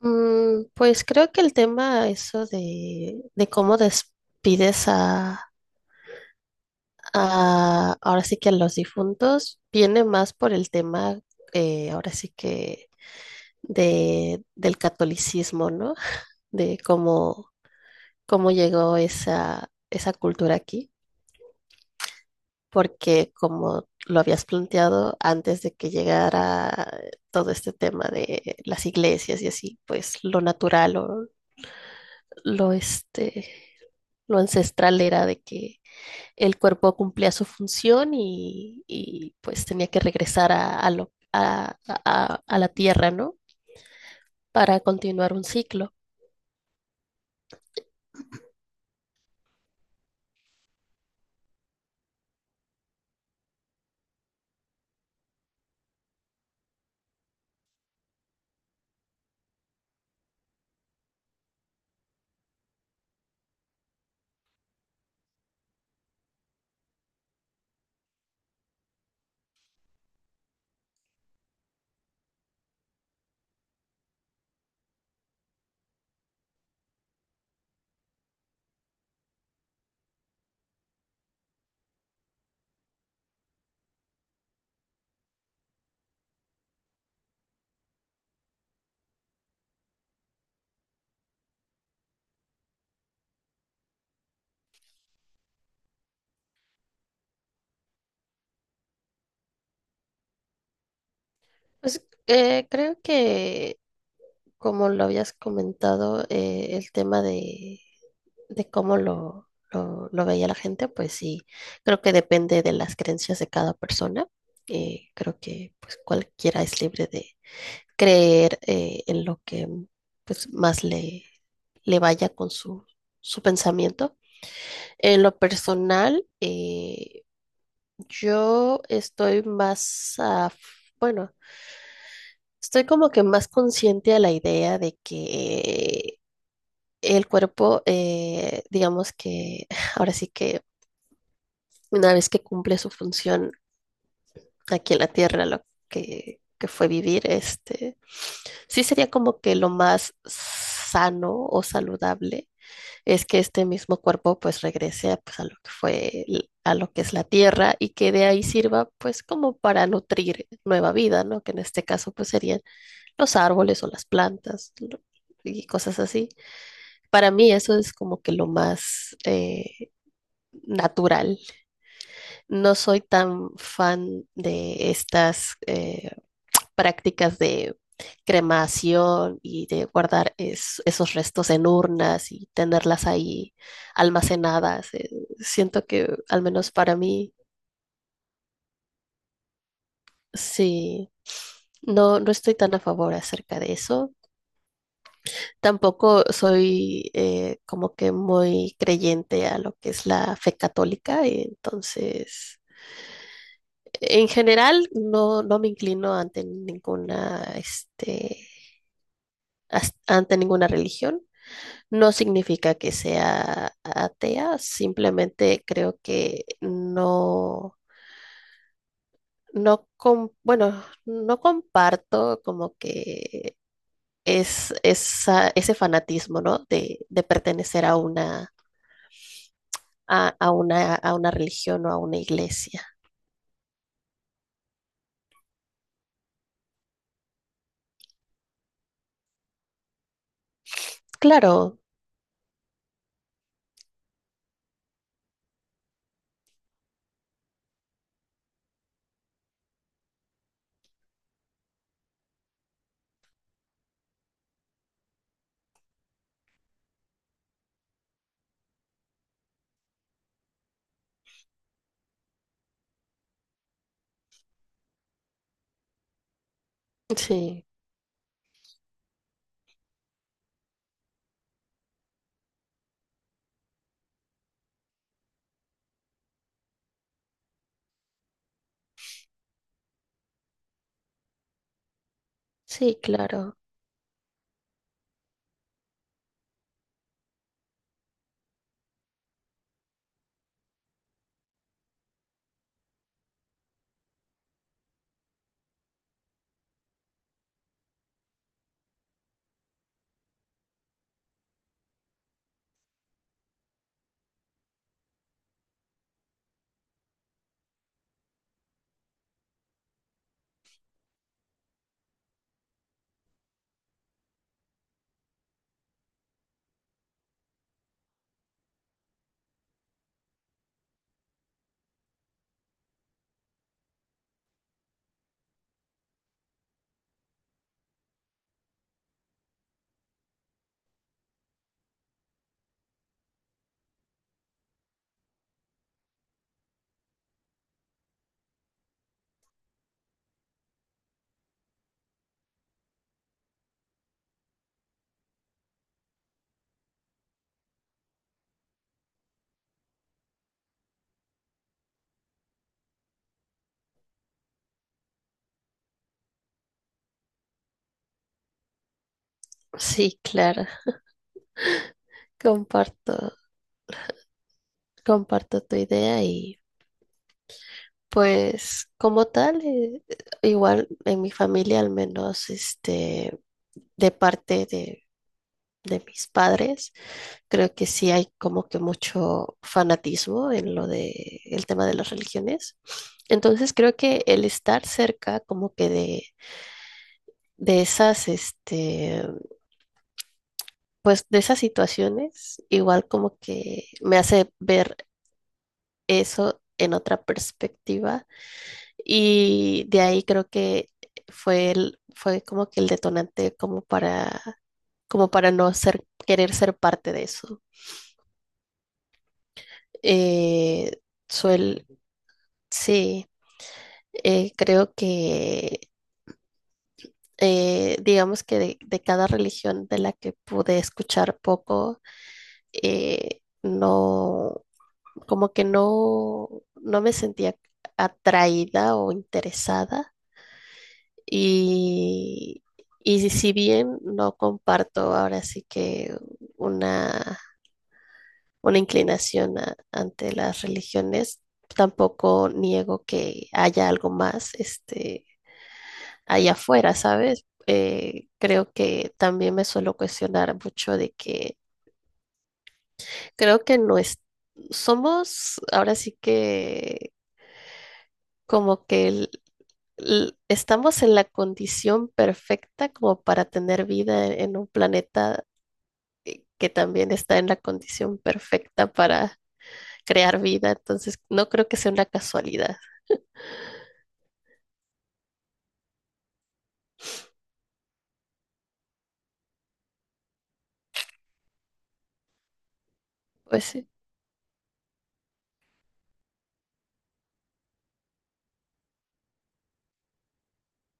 Pues creo que el tema eso de cómo despides ahora sí que a los difuntos viene más por el tema ahora sí que del catolicismo, ¿no? De cómo llegó esa cultura aquí, porque como lo habías planteado antes de que llegara todo este tema de las iglesias y así, pues lo natural o lo, lo ancestral era de que el cuerpo cumplía su función y pues tenía que regresar a, lo- a la tierra, ¿no? Para continuar un ciclo. Pues creo que, como lo habías comentado, el tema de cómo lo veía la gente, pues sí, creo que depende de las creencias de cada persona. Creo que pues cualquiera es libre de creer en lo que pues, más le vaya con su, su pensamiento. En lo personal, yo estoy más, bueno, estoy como que más consciente a la idea de que el cuerpo, digamos que ahora sí que una vez que cumple su función aquí en la Tierra, que fue vivir, este, sí sería como que lo más sano o saludable es que este mismo cuerpo pues regrese pues, a lo que fue, a lo que es la tierra y que de ahí sirva pues como para nutrir nueva vida, ¿no? Que en este caso pues serían los árboles o las plantas, ¿no? Y cosas así. Para mí eso es como que lo más natural. No soy tan fan de estas prácticas de cremación y de guardar esos restos en urnas y tenerlas ahí almacenadas. Siento que, al menos para mí, sí, no, no estoy tan a favor acerca de eso. Tampoco soy como que muy creyente a lo que es la fe católica, y entonces... En general, no, no me inclino ante ninguna, este, ante ninguna religión. No significa que sea atea, simplemente creo que no, bueno, no comparto como que ese fanatismo, ¿no? De pertenecer a una, a una, a una religión o a una iglesia. Claro, sí, sí, claro, sí, claro. Comparto, comparto tu idea. Y pues como tal, igual en mi familia al menos, este, de parte de mis padres, creo que sí hay como que mucho fanatismo en lo de el tema de las religiones. Entonces creo que el estar cerca como que de esas, este, pues de esas situaciones, igual como que me hace ver eso en otra perspectiva. Y de ahí creo que fue fue como que el detonante como para, como para no querer ser parte de eso. Eh, suel, sí, creo que digamos que de cada religión de la que pude escuchar poco, no, como que no, no me sentía atraída o interesada. Y, y si bien no comparto ahora sí que una, una inclinación ante las religiones, tampoco niego que haya algo más este, allá afuera, ¿sabes? Creo que también me suelo cuestionar mucho de que creo que no es, somos ahora sí que como que estamos en la condición perfecta como para tener vida en un planeta que también está en la condición perfecta para crear vida, entonces no creo que sea una casualidad. Pues sí,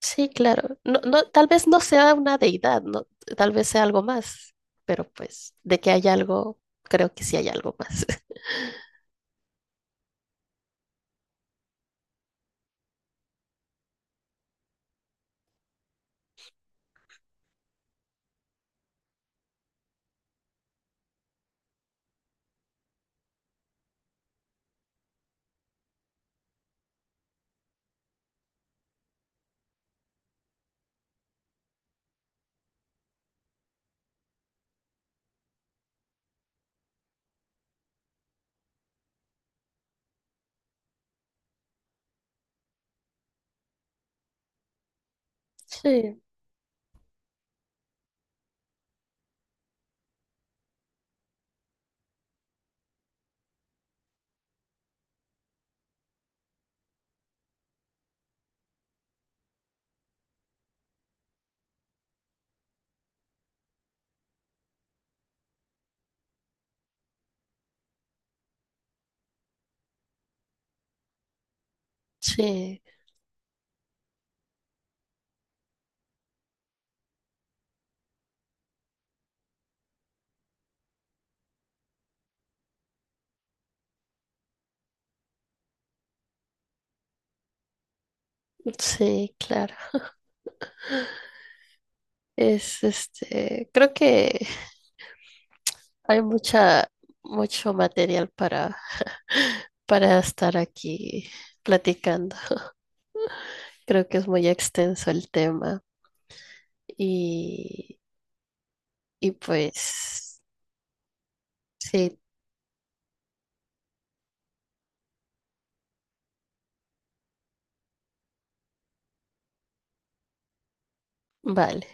sí, claro. No, no, tal vez no sea una deidad, no, tal vez sea algo más, pero pues de que hay algo, creo que sí hay algo más. Sí, sí, sí, claro. Es este, creo que hay mucha, mucho material para estar aquí platicando. Creo que es muy extenso el tema. Y y pues, sí, vale.